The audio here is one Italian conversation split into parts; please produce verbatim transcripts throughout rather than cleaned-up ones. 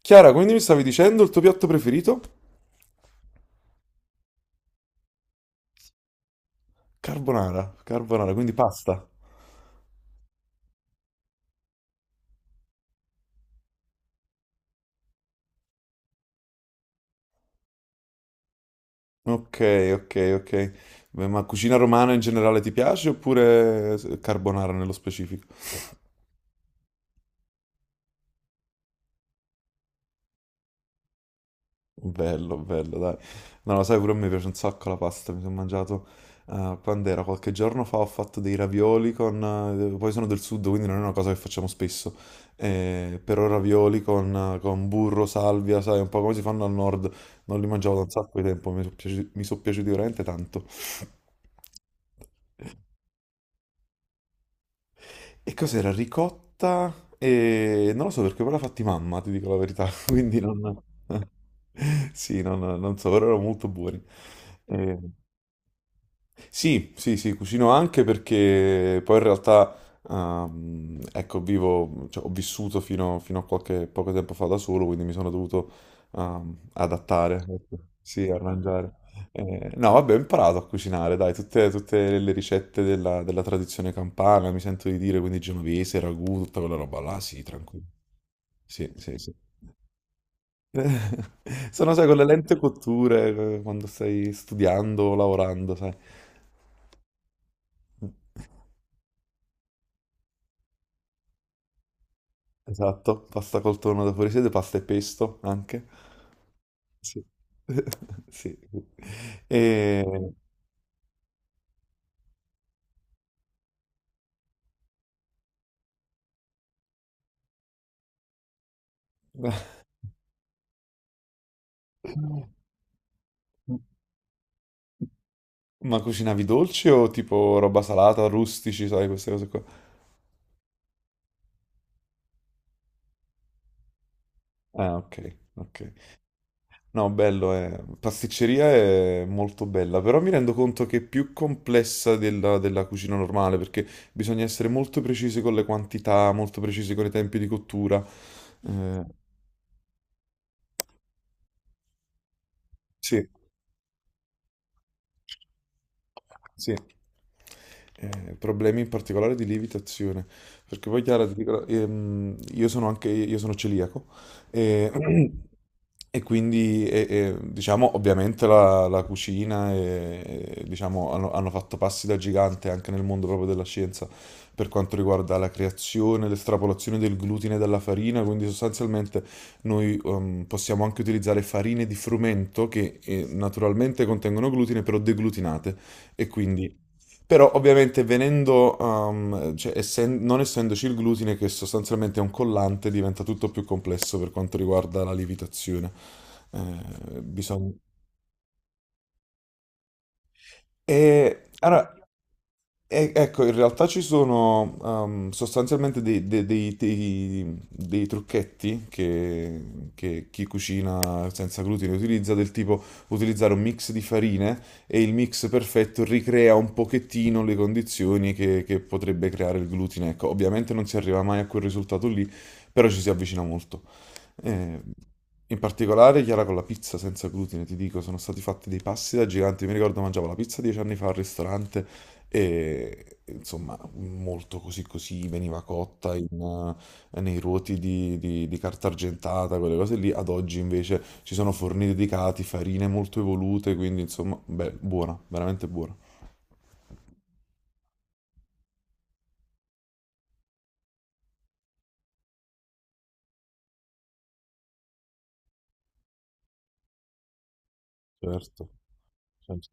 Chiara, quindi mi stavi dicendo il tuo piatto preferito? Carbonara, carbonara, quindi pasta. Ok, ok, ok. Beh, Ma cucina romana in generale ti piace oppure carbonara nello specifico? Bello, bello, dai. No, lo sai, pure a me piace un sacco la pasta. Mi sono mangiato eh, quando era qualche giorno fa, ho fatto dei ravioli con... eh, poi sono del sud, quindi non è una cosa che facciamo spesso. Eh, però ravioli con, con burro, salvia, sai, un po' come si fanno al nord. Non li mangiavo da un sacco di tempo, mi sono piaciuti, mi sono piaciuti veramente tanto. E cos'era? Ricotta? E non lo so perché poi l'ha fatti mamma, ti dico la verità. Quindi non... Sì, non, non so, però erano molto buoni. Eh, Sì, sì, sì, cucino anche perché poi in realtà, ehm, ecco, vivo, cioè, ho vissuto fino, fino a qualche poco tempo fa da solo, quindi mi sono dovuto, ehm, adattare, ecco. Sì, arrangiare. Eh, no, vabbè, ho imparato a cucinare, dai, tutte, tutte le ricette della, della tradizione campana, mi sento di dire, quindi genovese, ragù, tutta quella roba là, sì, tranquillo. Sì, sì, sì. Sono, sai, con le lente cotture, eh, quando stai studiando, lavorando, sai. Esatto, pasta col tonno da fuorisede, pasta e pesto anche. Sì. Sì. E... Ma cucinavi dolci o tipo roba salata, rustici, sai, queste cose qua? Ah, ok, ok. No, bello, eh. Pasticceria è molto bella, però mi rendo conto che è più complessa della, della cucina normale, perché bisogna essere molto precisi con le quantità, molto precisi con i tempi di cottura. Eh, sì. Sì, Eh, problemi in particolare di lievitazione, perché poi Chiara, ti dico, la- ehm, io sono anche, io sono celiaco e, e quindi, e- e, diciamo, ovviamente la, la cucina e, e, diciamo, hanno, hanno fatto passi da gigante anche nel mondo proprio della scienza per quanto riguarda la creazione, l'estrapolazione del glutine dalla farina, quindi sostanzialmente noi ehm, possiamo anche utilizzare farine di frumento che eh, naturalmente contengono glutine, però deglutinate. E quindi, però ovviamente venendo, um, cioè, essen- non essendoci il glutine che sostanzialmente è un collante, diventa tutto più complesso per quanto riguarda la lievitazione. Eh, bisogna... E allora, e- ecco, in realtà ci sono ehm, sostanzialmente dei, dei- dei- dei- dei trucchetti che, che chi cucina senza glutine utilizza, del tipo utilizzare un mix di farine e il mix perfetto ricrea un pochettino le condizioni che, che potrebbe creare il glutine. Ecco, ovviamente non si arriva mai a quel risultato lì, però ci si avvicina molto. Eh, In particolare, Chiara, con la pizza senza glutine, ti dico, sono stati fatti dei passi da giganti. Mi ricordo mangiavo la pizza dieci anni fa al ristorante e insomma, molto così così, veniva cotta in, eh, nei ruoti di, di- di carta argentata, quelle cose lì. Ad oggi invece ci sono forni dedicati, farine molto evolute, quindi insomma, beh, buona, veramente buona. Certo, certo.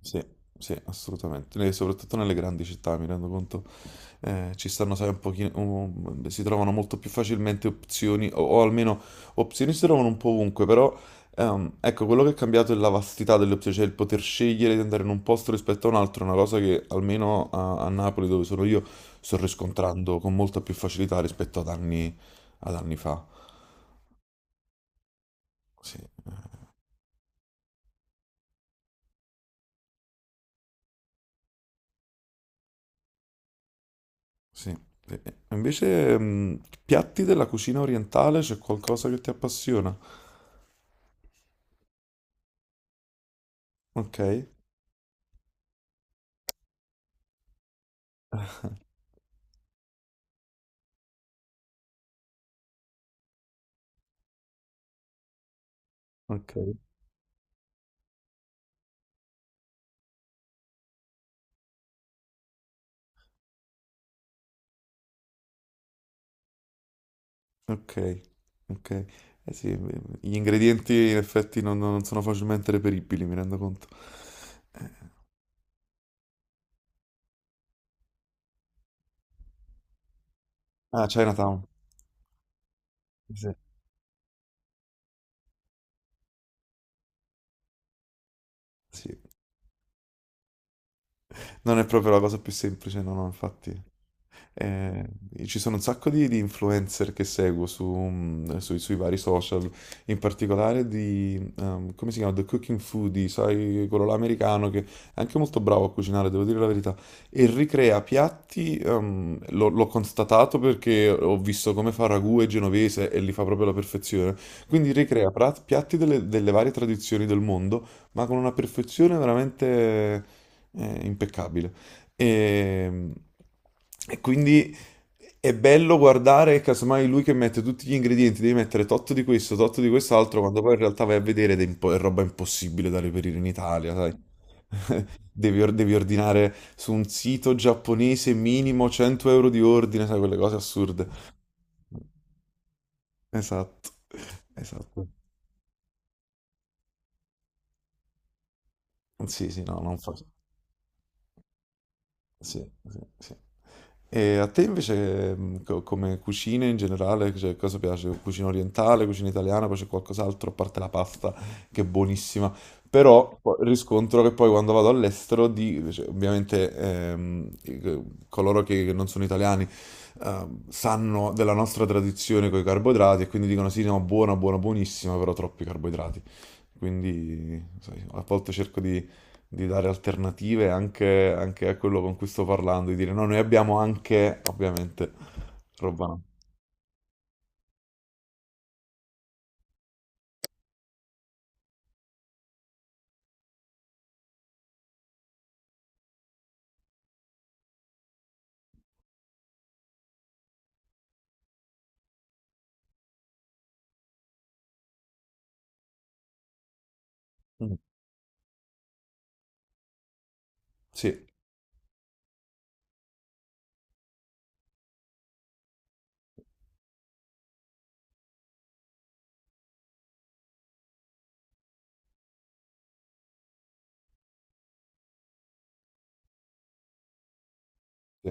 Sì, sì, assolutamente. E soprattutto nelle grandi città, mi rendo conto. Eh, ci stanno, sai, un pochino, un- si trovano molto più facilmente opzioni, o, o almeno opzioni si trovano un po' ovunque, però ehm, ecco, quello che è cambiato è la vastità delle opzioni, cioè il poter scegliere di andare in un posto rispetto a un altro, è una cosa che almeno a, a Napoli, dove sono io, sto riscontrando con molta più facilità rispetto ad anni, ad anni fa. Sì, eh, sì. E- e Invece, mm, piatti della cucina orientale, c'è qualcosa che ti appassiona? Ok, ok. Ok, ok. Eh sì, gli ingredienti in effetti non, non sono facilmente reperibili, mi rendo conto. Ah, Chinatown. Sì. Sì. Non è proprio la cosa più semplice, no, no, infatti. Eh, ci sono un sacco di, di influencer che seguo su, mm, sui, sui vari social, in particolare di, ehm, come si chiama? The Cooking Foodie, sai, quello là americano che è anche molto bravo a cucinare, devo dire la verità, e ricrea piatti, ehm, l'ho l'ho constatato perché ho visto come fa ragù e genovese e li fa proprio alla perfezione, quindi ricrea prat- piatti delle, delle varie tradizioni del mondo, ma con una perfezione veramente, eh, impeccabile. E, e quindi è bello guardare, casomai lui che mette tutti gli ingredienti, devi mettere tot di questo, tot di quest'altro, quando poi in realtà vai a vedere ed è, impo- è roba impossibile da reperire in Italia, sai? Devi, or- devi ordinare su un sito giapponese minimo cento euro di ordine, sai, quelle cose assurde. Esatto, esatto. Sì, sì, no, non fa. Sì, sì, sì. E a te invece, mh, co- come cucine in generale, cioè, cosa piace? Cucina orientale, cucina italiana, poi c'è qualcos'altro, a parte la pasta, che è buonissima. Però poi riscontro che poi quando vado all'estero, di- cioè, ovviamente ehm, i- che- coloro che, che non sono italiani ehm, sanno della nostra tradizione con i carboidrati e quindi dicono sì, no, buona, buona, buonissima, però troppi carboidrati. Quindi, sai, a volte cerco di, di dare alternative anche, anche a quello con cui sto parlando, di dire no, noi abbiamo anche, ovviamente, roba. No. Mm, Sì, sì,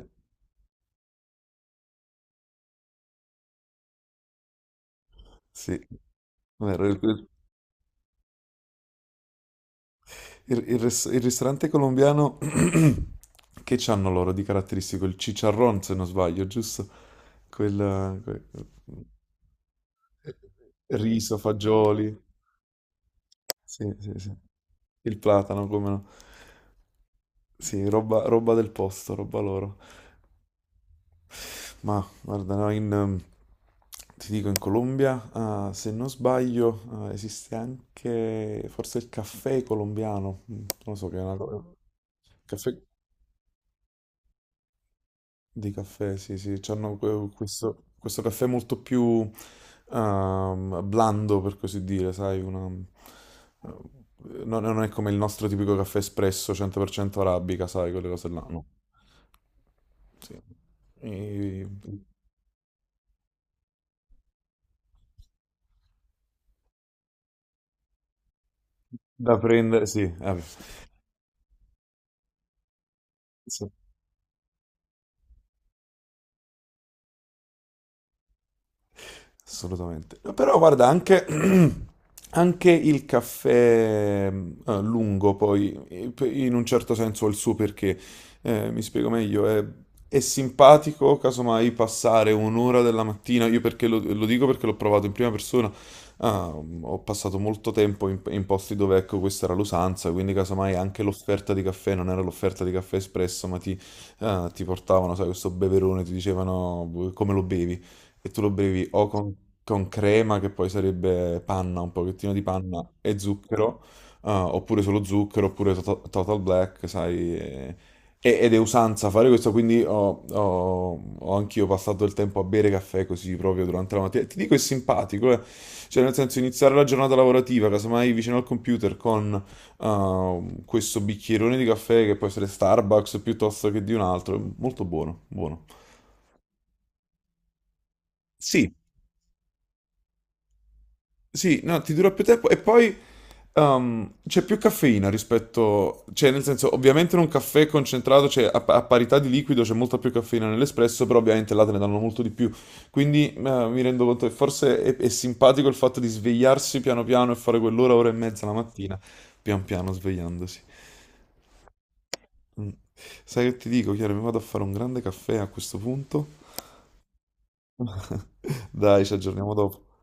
sì. Vero, il, il- il res- il ristorante colombiano che c'hanno loro di caratteristico? Il chicharrón, se non sbaglio, giusto? Quel, quel- eh, riso, fagioli. Sì, sì, sì. Il platano, come no. Sì, roba, roba del posto, roba loro. Ma guarda, no, in, ehm, Ti dico, in Colombia, ah, se non sbaglio, ah, esiste anche forse il caffè colombiano. Mm, non lo so che è una cosa. Caffè... Di caffè, sì, sì, c'hanno que- questo, questo caffè molto più ehm, blando, per così dire, sai, una- eh, non, non è come il nostro tipico caffè espresso cento per cento arabica, sai, quelle cose là, no. Sì. E- Da prendere, sì, eh, sì. Assolutamente. Però guarda, anche, anche il caffè eh, lungo, poi, eh, in un certo senso ha il suo perché, Eh, mi spiego meglio, è, è simpatico, casomai, passare un'ora della mattina, io perché lo, lo dico perché l'ho provato in prima persona, ah, ho passato molto tempo in, in posti dove, ecco, questa era l'usanza, quindi casomai anche l'offerta di caffè non era l'offerta di caffè espresso, ma ti, eh, ti portavano, sai, questo beverone, ti dicevano come lo bevi. E tu lo bevi o con, con crema, che poi sarebbe panna, un pochettino di panna e zucchero, eh, oppure solo zucchero, oppure to- Total Black, sai. eh, e- Ed è usanza fare questo, quindi ho, ho, ho anch'io passato il tempo a bere caffè così proprio durante la mattina. Ti dico, è simpatico, eh. Cioè, nel senso, iniziare la giornata lavorativa, casomai vicino al computer, con eh, questo bicchierone di caffè che può essere Starbucks piuttosto che di un altro, è molto buono, buono. Sì, sì, no, ti dura più tempo e poi ehm, c'è più caffeina rispetto, cioè nel senso ovviamente in un caffè concentrato, cioè a, pa- a parità di liquido c'è molta più caffeina nell'espresso, però ovviamente là te ne danno molto di più, quindi eh, mi rendo conto che forse è, è simpatico il fatto di svegliarsi piano piano e fare quell'ora, ora e mezza la mattina, pian piano svegliandosi. Mm. Sai che ti dico, Chiara, mi vado a fare un grande caffè a questo punto. Dai, ci aggiorniamo dopo.